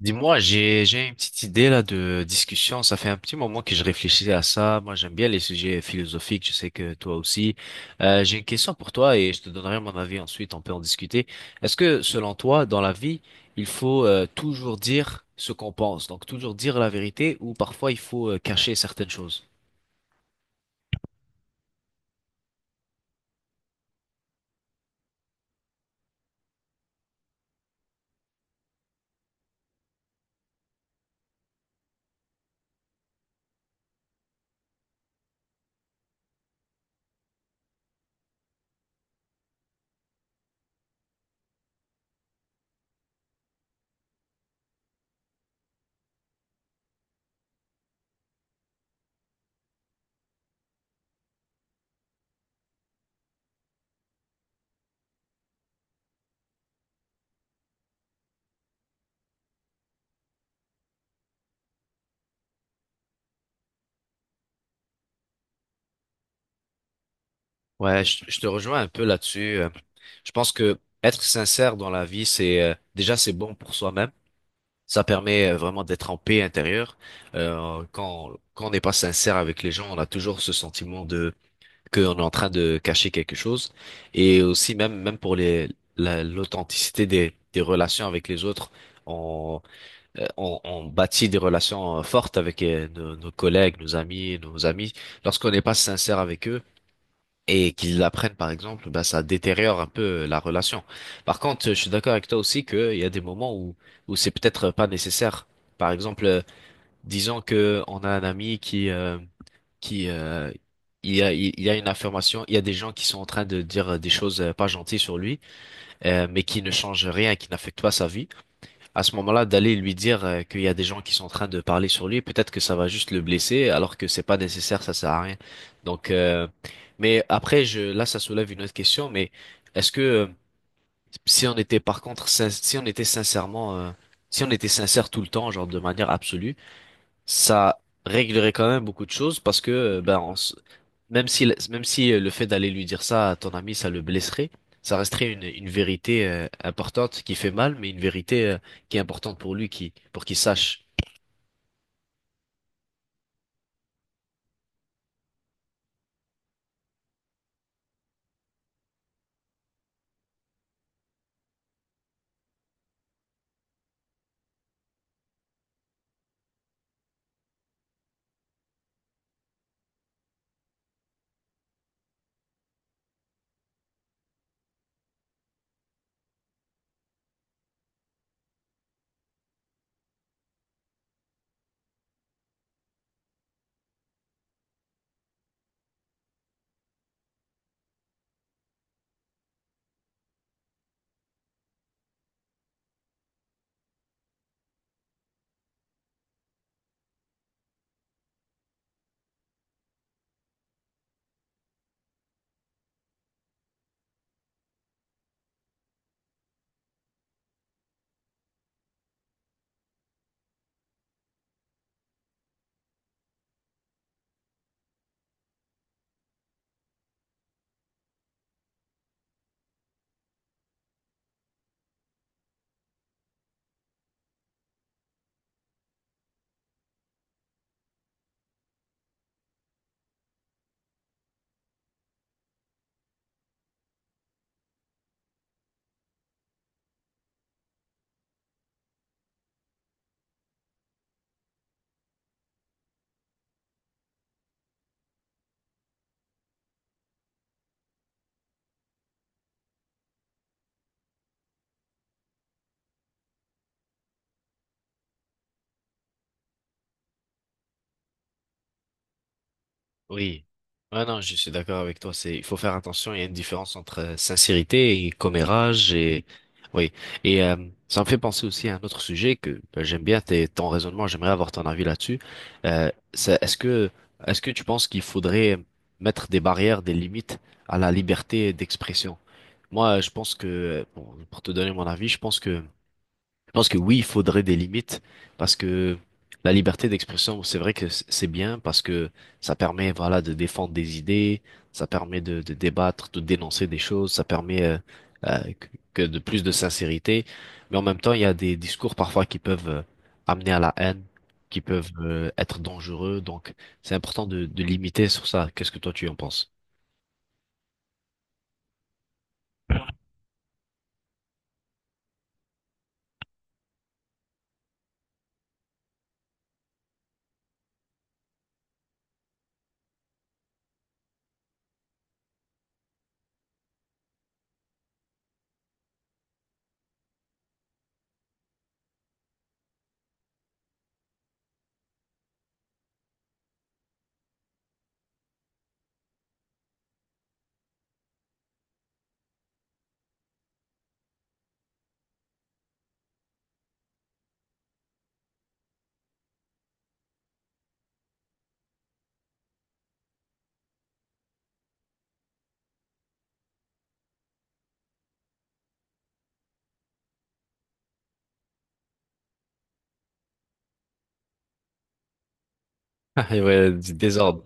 Dis-moi, j'ai une petite idée là de discussion. Ça fait un petit moment que je réfléchissais à ça. Moi, j'aime bien les sujets philosophiques. Je sais que toi aussi. J'ai une question pour toi et je te donnerai mon avis ensuite. On peut en discuter. Est-ce que selon toi, dans la vie, il faut toujours dire ce qu'on pense, donc toujours dire la vérité, ou parfois il faut cacher certaines choses? Ouais, je te rejoins un peu là-dessus. Je pense que être sincère dans la vie, c'est déjà c'est bon pour soi-même. Ça permet vraiment d'être en paix intérieure. Quand on n'est pas sincère avec les gens, on a toujours ce sentiment de qu'on est en train de cacher quelque chose. Et aussi même pour les l'authenticité des relations avec les autres, on on bâtit des relations fortes avec nos collègues, nos amis. Lorsqu'on n'est pas sincère avec eux et qu'ils l'apprennent par exemple, ben ça détériore un peu la relation. Par contre, je suis d'accord avec toi aussi qu'il y a des moments où où c'est peut-être pas nécessaire. Par exemple, disons que on a un ami qui il y a une affirmation, il y a des gens qui sont en train de dire des choses pas gentilles sur lui, mais qui ne changent rien, qui n'affectent pas sa vie. À ce moment-là d'aller lui dire qu'il y a des gens qui sont en train de parler sur lui, peut-être que ça va juste le blesser, alors que c'est pas nécessaire, ça sert à rien. Donc, euh, mais après, ça soulève une autre question, mais est-ce que si on était par contre, si on était sincèrement, si on était sincère tout le temps, genre de manière absolue, ça réglerait quand même beaucoup de choses parce que ben même si même si le fait d'aller lui dire ça à ton ami ça le blesserait, ça resterait une vérité importante qui fait mal mais une vérité qui est importante pour lui qui pour qu'il sache. Oui. Ah non, je suis d'accord avec toi. C'est, il faut faire attention. Il y a une différence entre sincérité et commérage et oui. Et euh, Ça me fait penser aussi à un autre sujet que ben, j'aime bien ton raisonnement. J'aimerais avoir ton avis là-dessus. Euh, Est-ce que est-ce que tu penses qu'il faudrait mettre des barrières, des limites à la liberté d'expression? Moi, je pense que, bon, pour te donner mon avis, je pense que oui, il faudrait des limites parce que la liberté d'expression, c'est vrai que c'est bien parce que ça permet, voilà, de défendre des idées, ça permet de débattre, de dénoncer des choses, ça permet que que de plus de sincérité. Mais en même temps, il y a des discours parfois qui peuvent amener à la haine, qui peuvent être dangereux. Donc, c'est important de limiter sur ça. Qu'est-ce que toi tu en penses? Ah, et ouais, du désordre.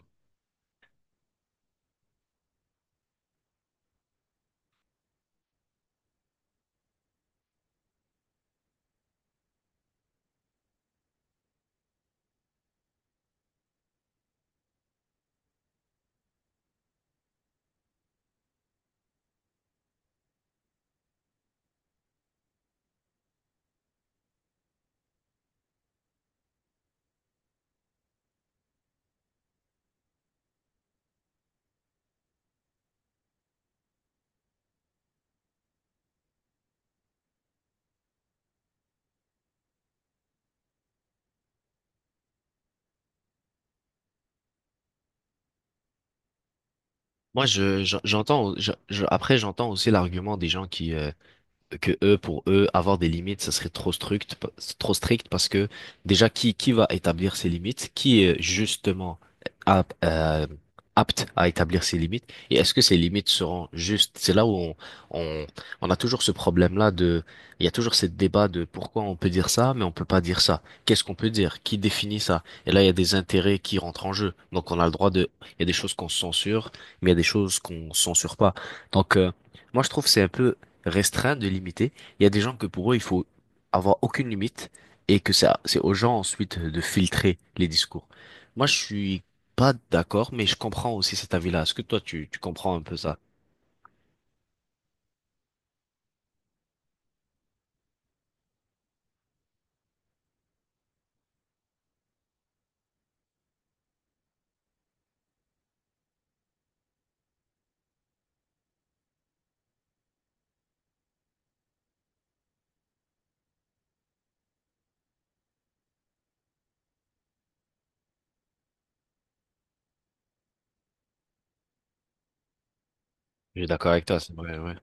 Moi, j'entends, après, j'entends aussi l'argument des gens qui, que eux, pour eux, avoir des limites, ça serait trop strict, trop strict parce que déjà, qui va établir ces limites? Qui est justement ap- euh, apte à établir ces limites? Et est-ce que ces limites seront justes? C'est là où on, on a toujours ce problème-là de, il y a toujours ce débat de pourquoi on peut dire ça, mais on peut pas dire ça. Qu'est-ce qu'on peut dire? Qui définit ça? Et là, il y a des intérêts qui rentrent en jeu. Donc, on a le droit de, il y a des choses qu'on censure, mais il y a des choses qu'on censure pas. Donc, euh, Moi, je trouve que c'est un peu restreindre, de limiter. Il y a des gens que pour eux, il faut avoir aucune limite et que ça, c'est aux gens ensuite de filtrer les discours. Moi, je suis pas d'accord, mais je comprends aussi cet avis-là. Est-ce que toi, tu comprends un peu ça? Je suis d'accord avec toi, c'est vrai, ouais.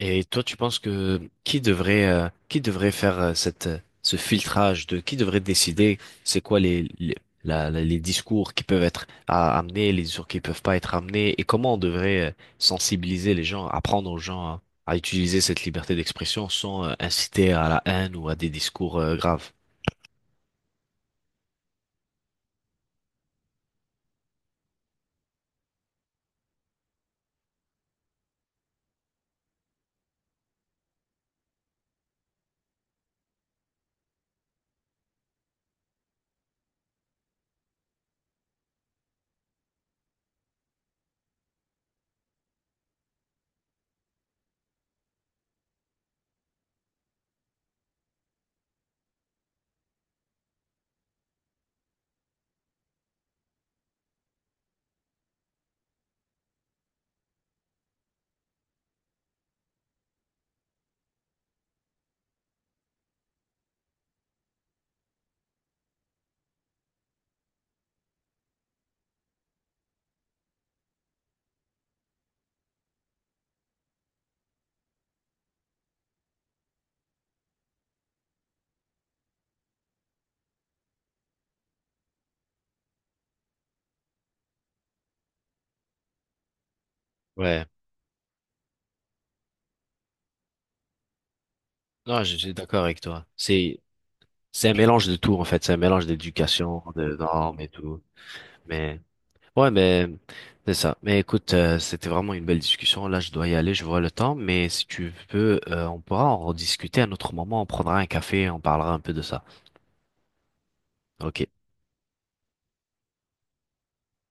Et toi, tu penses que qui devrait faire cette ce filtrage de qui devrait décider c'est quoi les discours qui peuvent être à, amenés, les discours qui peuvent pas être amenés et comment on devrait sensibiliser les gens, apprendre aux gens à utiliser cette liberté d'expression sans inciter à la haine ou à des discours graves. Ouais. Non, je suis d'accord avec toi. C'est un mélange de tout en fait, c'est un mélange d'éducation, de normes et tout. Mais Ouais, mais c'est ça. Mais écoute, c'était vraiment une belle discussion. Là, je dois y aller, je vois le temps. Mais si tu veux, on pourra en rediscuter à un autre moment. On prendra un café, on parlera un peu de ça. Ok?